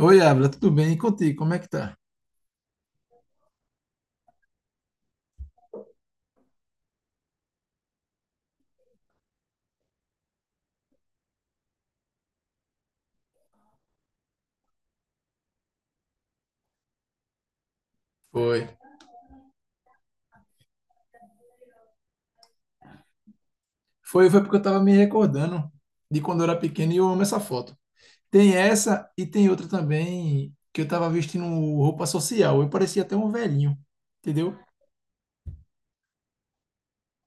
Oi, Abra, tudo bem? E contigo, como é que tá? Foi. Foi porque eu tava me recordando de quando eu era pequeno e eu amo essa foto. Tem essa e tem outra também que eu tava vestindo roupa social. Eu parecia até um velhinho, entendeu?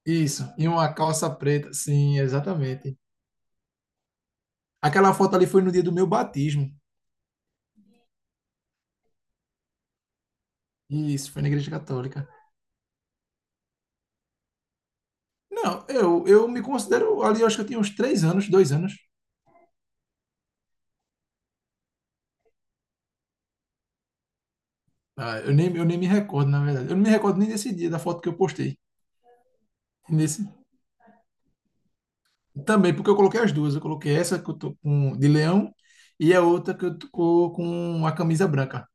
Isso, e uma calça preta, sim, exatamente. Aquela foto ali foi no dia do meu batismo. Isso, foi na Igreja Católica. Não, eu me considero ali, eu acho que eu tinha uns 3 anos, 2 anos. Ah, eu nem me recordo, na verdade. Eu não me recordo nem desse dia da foto que eu postei. Nesse. Também, porque eu coloquei as duas. Eu coloquei essa que eu tô com, de leão e a outra que eu tô com a camisa branca.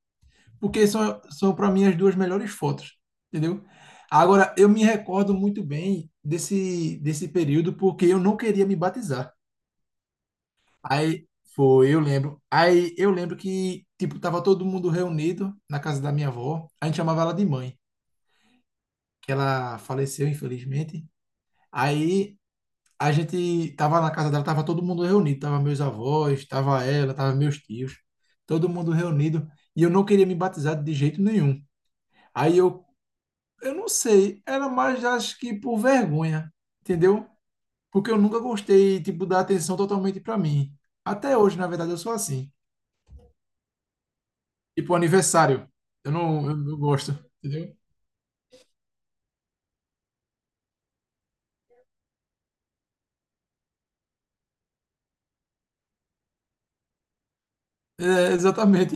Porque são para mim, as duas melhores fotos, entendeu? Agora, eu me recordo muito bem desse período porque eu não queria me batizar. Aí, foi, eu lembro. Aí, eu lembro que, tipo, tava todo mundo reunido na casa da minha avó. A gente chamava ela de mãe, que ela faleceu, infelizmente. Aí, a gente tava na casa dela, tava todo mundo reunido, tava meus avós, tava ela, tava meus tios, todo mundo reunido, e eu não queria me batizar de jeito nenhum. Aí eu não sei, era mais acho que por vergonha, entendeu? Porque eu nunca gostei, tipo, da atenção totalmente para mim. Até hoje, na verdade, eu sou assim. Tipo, aniversário, eu não gosto, entendeu? É, exatamente.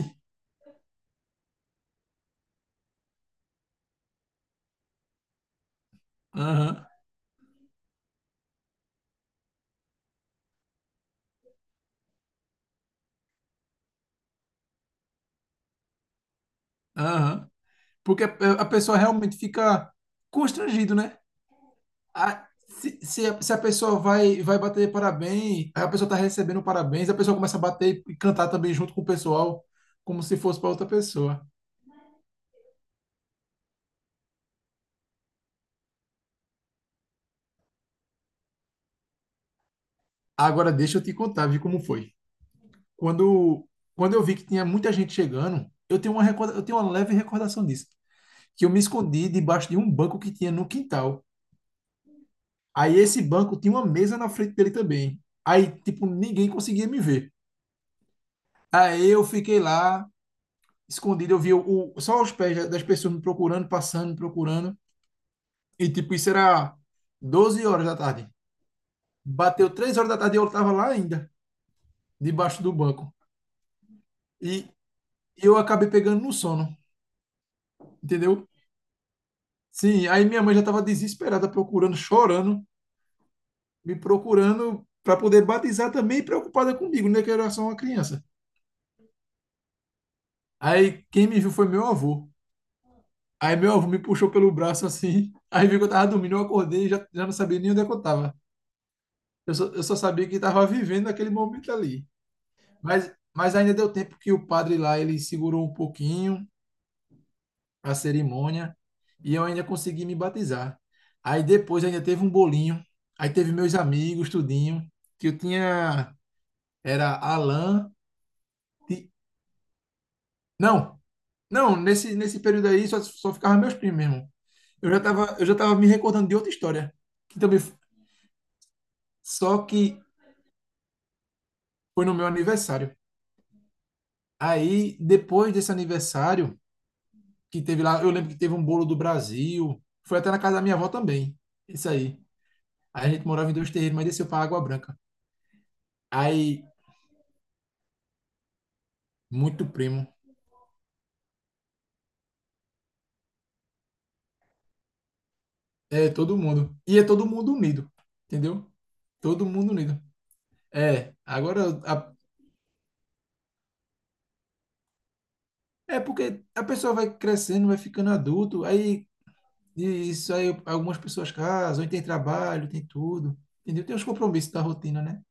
Aham, aham. Porque a pessoa realmente fica constrangido, né? Se a pessoa vai bater parabéns, aí a pessoa tá recebendo parabéns, a pessoa começa a bater e cantar também junto com o pessoal, como se fosse para outra pessoa. Agora deixa eu te contar, vi como foi. Quando, quando eu vi que tinha muita gente chegando, eu tenho uma leve recordação disso, que eu me escondi debaixo de um banco que tinha no quintal. Aí esse banco tinha uma mesa na frente dele também. Aí, tipo, ninguém conseguia me ver. Aí eu fiquei lá escondido, eu via só os pés das pessoas me procurando, passando, me procurando. E tipo, isso era 12 horas da tarde. Bateu 3 horas da tarde e eu tava lá ainda, debaixo do banco. E eu acabei pegando no sono, entendeu? Sim, aí minha mãe já tava desesperada, procurando, chorando, me procurando para poder batizar também, preocupada comigo, né? Que eu era só uma criança. Aí quem me viu foi meu avô. Aí meu avô me puxou pelo braço assim. Aí viu que eu tava dormindo, eu acordei e já não sabia nem onde é que eu tava. Eu só sabia que estava vivendo aquele momento ali. Mas ainda deu tempo que o padre lá, ele segurou um pouquinho a cerimônia e eu ainda consegui me batizar. Aí depois ainda teve um bolinho, aí teve meus amigos, tudinho, que eu tinha, era Alan, Ti- não, não, nesse período aí só ficava meus primos mesmo. Eu já tava me recordando de outra história, que também, só que foi no meu aniversário. Aí, depois desse aniversário, que teve lá. Eu lembro que teve um bolo do Brasil. Foi até na casa da minha avó também. Isso aí. Aí a gente morava em dois terreiros, mas desceu para Água Branca. Aí, muito primo. É, todo mundo. E é todo mundo unido. Entendeu? Todo mundo unido. É, agora. a- é porque a pessoa vai crescendo, vai ficando adulto. Aí, e isso aí, algumas pessoas casam, aí tem trabalho, tem tudo. Entendeu? Tem os compromissos da rotina, né?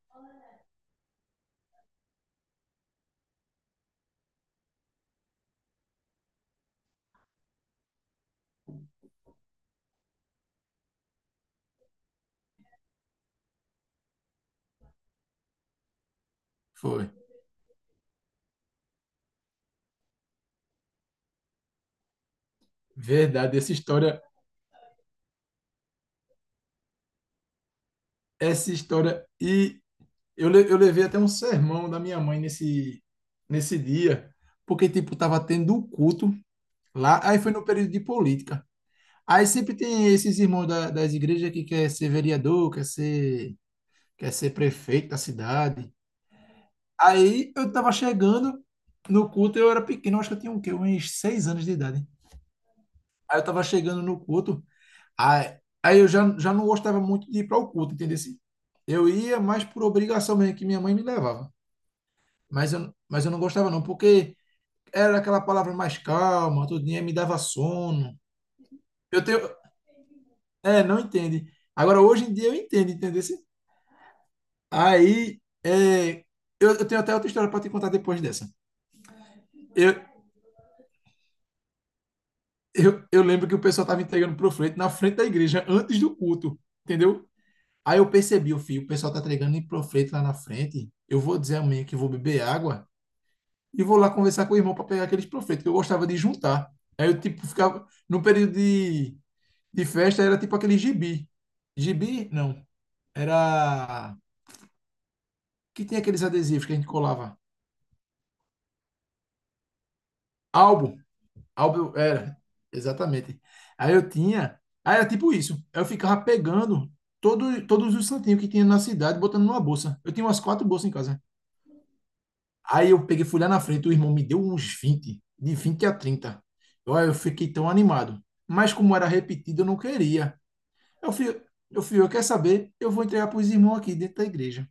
Foi. Verdade, essa história. Essa história. E eu levei até um sermão da minha mãe nesse dia, porque, tipo, tava tendo um culto lá, aí foi no período de política. Aí sempre tem esses irmãos das igrejas que quer ser vereador, quer ser prefeito da cidade. Aí eu tava chegando no culto, eu era pequeno, acho que eu tinha o quê? Uns 6 anos de idade. Aí eu tava chegando no culto, aí eu já não gostava muito de ir para o culto, entendeu? Assim, eu ia mais por obrigação mesmo, que minha mãe me levava. Mas eu não gostava não, porque era aquela palavra mais calma, tudinho, aí me dava sono. Eu tenho... É, não entende. Agora, hoje em dia eu entendo, entendeu? Aí, é, eu tenho até outra história para te contar depois dessa. Eu, eu lembro que o pessoal estava entregando panfleto na frente da igreja, antes do culto, entendeu? Aí eu percebi, o filho, o pessoal tá entregando em panfleto lá na frente. Eu vou dizer a mãe que vou beber água e vou lá conversar com o irmão para pegar aqueles panfletos que eu gostava de juntar. Aí eu, tipo, ficava no período de festa era tipo aquele gibi. Gibi, não. Era. Que tinha aqueles adesivos que a gente colava. Álbum. Álbum era. Exatamente. Aí eu tinha. Aí era tipo isso. Eu ficava pegando todos os santinhos que tinha na cidade, botando numa bolsa. Eu tinha umas quatro bolsas em casa. Aí eu peguei, fui lá na frente, o irmão me deu uns 20 de 20 a 30. Aí eu fiquei tão animado. Mas como era repetido, eu não queria. Eu fui, eu quero saber, eu vou entregar para os irmãos aqui dentro da igreja,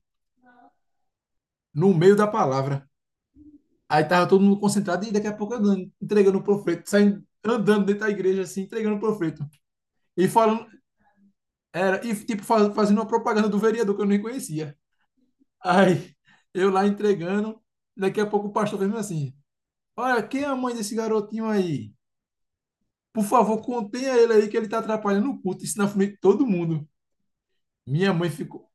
no meio da palavra. Aí tava todo mundo concentrado e daqui a pouco eu entregando o profeto, saindo andando dentro da igreja assim, entregando o profeto. E falando, era, e tipo fazendo uma propaganda do vereador que eu nem conhecia. Aí eu lá entregando, daqui a pouco o pastor fez assim: "Olha, quem é a mãe desse garotinho aí? Por favor, contenha ele aí que ele tá atrapalhando o culto, isso na frente de todo mundo". Minha mãe ficou,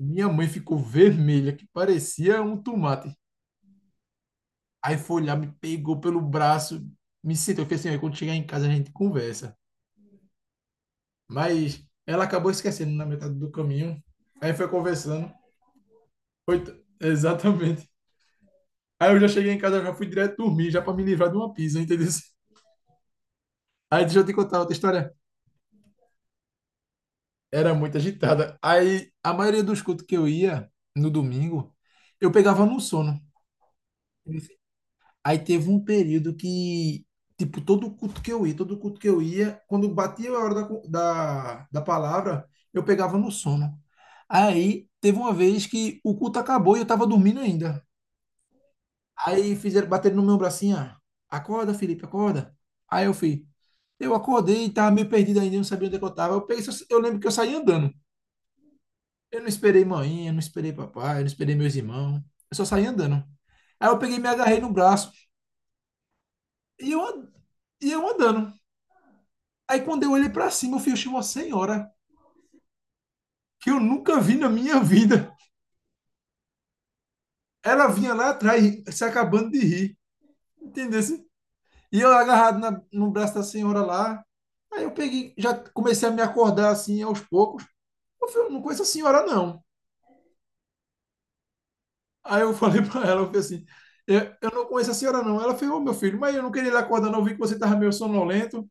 minha mãe ficou vermelha, que parecia um tomate. Aí foi lá, me pegou pelo braço, me sentou, eu falei assim, "Olha, quando chegar em casa a gente conversa". Mas ela acabou esquecendo na metade do caminho. Aí foi conversando. Exatamente. Aí eu já cheguei em casa, já fui direto dormir, já para me livrar de uma pizza, entendeu? Aí deixa eu te contar outra história. Era muito agitada. Aí a maioria dos cultos que eu ia no domingo, eu pegava no sono. Aí teve um período que, tipo, todo culto que eu ia, todo culto que eu ia, quando batia a hora da palavra, eu pegava no sono. Aí teve uma vez que o culto acabou e eu tava dormindo ainda. Aí fizeram bater no meu bracinho, ah, acorda, Felipe, acorda. Aí eu fui. Eu acordei e tava meio perdido ainda, não sabia onde é que eu tava. Eu lembro que eu saí andando. Eu não esperei mãe, eu não esperei papai, eu não esperei meus irmãos. Eu só saí andando. Aí eu peguei, e me agarrei no braço e eu, an- e eu andando. Aí quando eu olhei para cima, eu fui achei uma senhora que eu nunca vi na minha vida. Ela vinha lá atrás, se acabando de rir. Entendeu? Assim, e eu agarrado no braço da senhora lá. Aí eu peguei, já comecei a me acordar assim aos poucos. Eu falei, eu não conheço a senhora, não. Aí eu falei para ela, eu falei assim, eu não conheço a senhora, não. Ela falou, ô meu filho, mas eu não queria lhe acordar, não. Eu vi que você tava meio sonolento.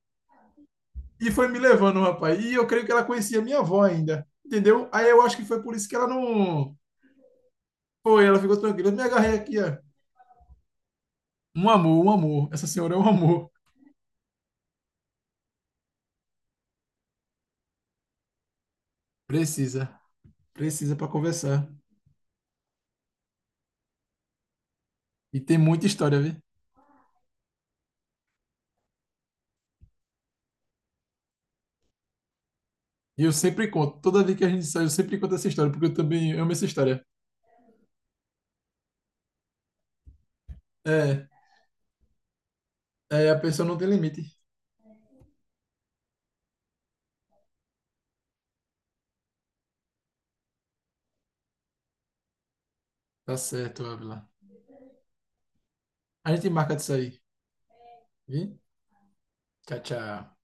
E foi me levando, rapaz. E eu creio que ela conhecia minha avó ainda. Entendeu? Aí eu acho que foi por isso que ela não. Foi, ela ficou tranquila. Eu me agarrei aqui, ó. Um amor, um amor. Essa senhora é um amor. Precisa. Precisa para conversar. E tem muita história, viu? E eu sempre conto. Toda vez que a gente sai, eu sempre conto essa história, porque eu também amo essa história. É, é, a pessoa não tem limite. Tá certo, Ávila. A gente marca de sair, viu? Tchau, tchau.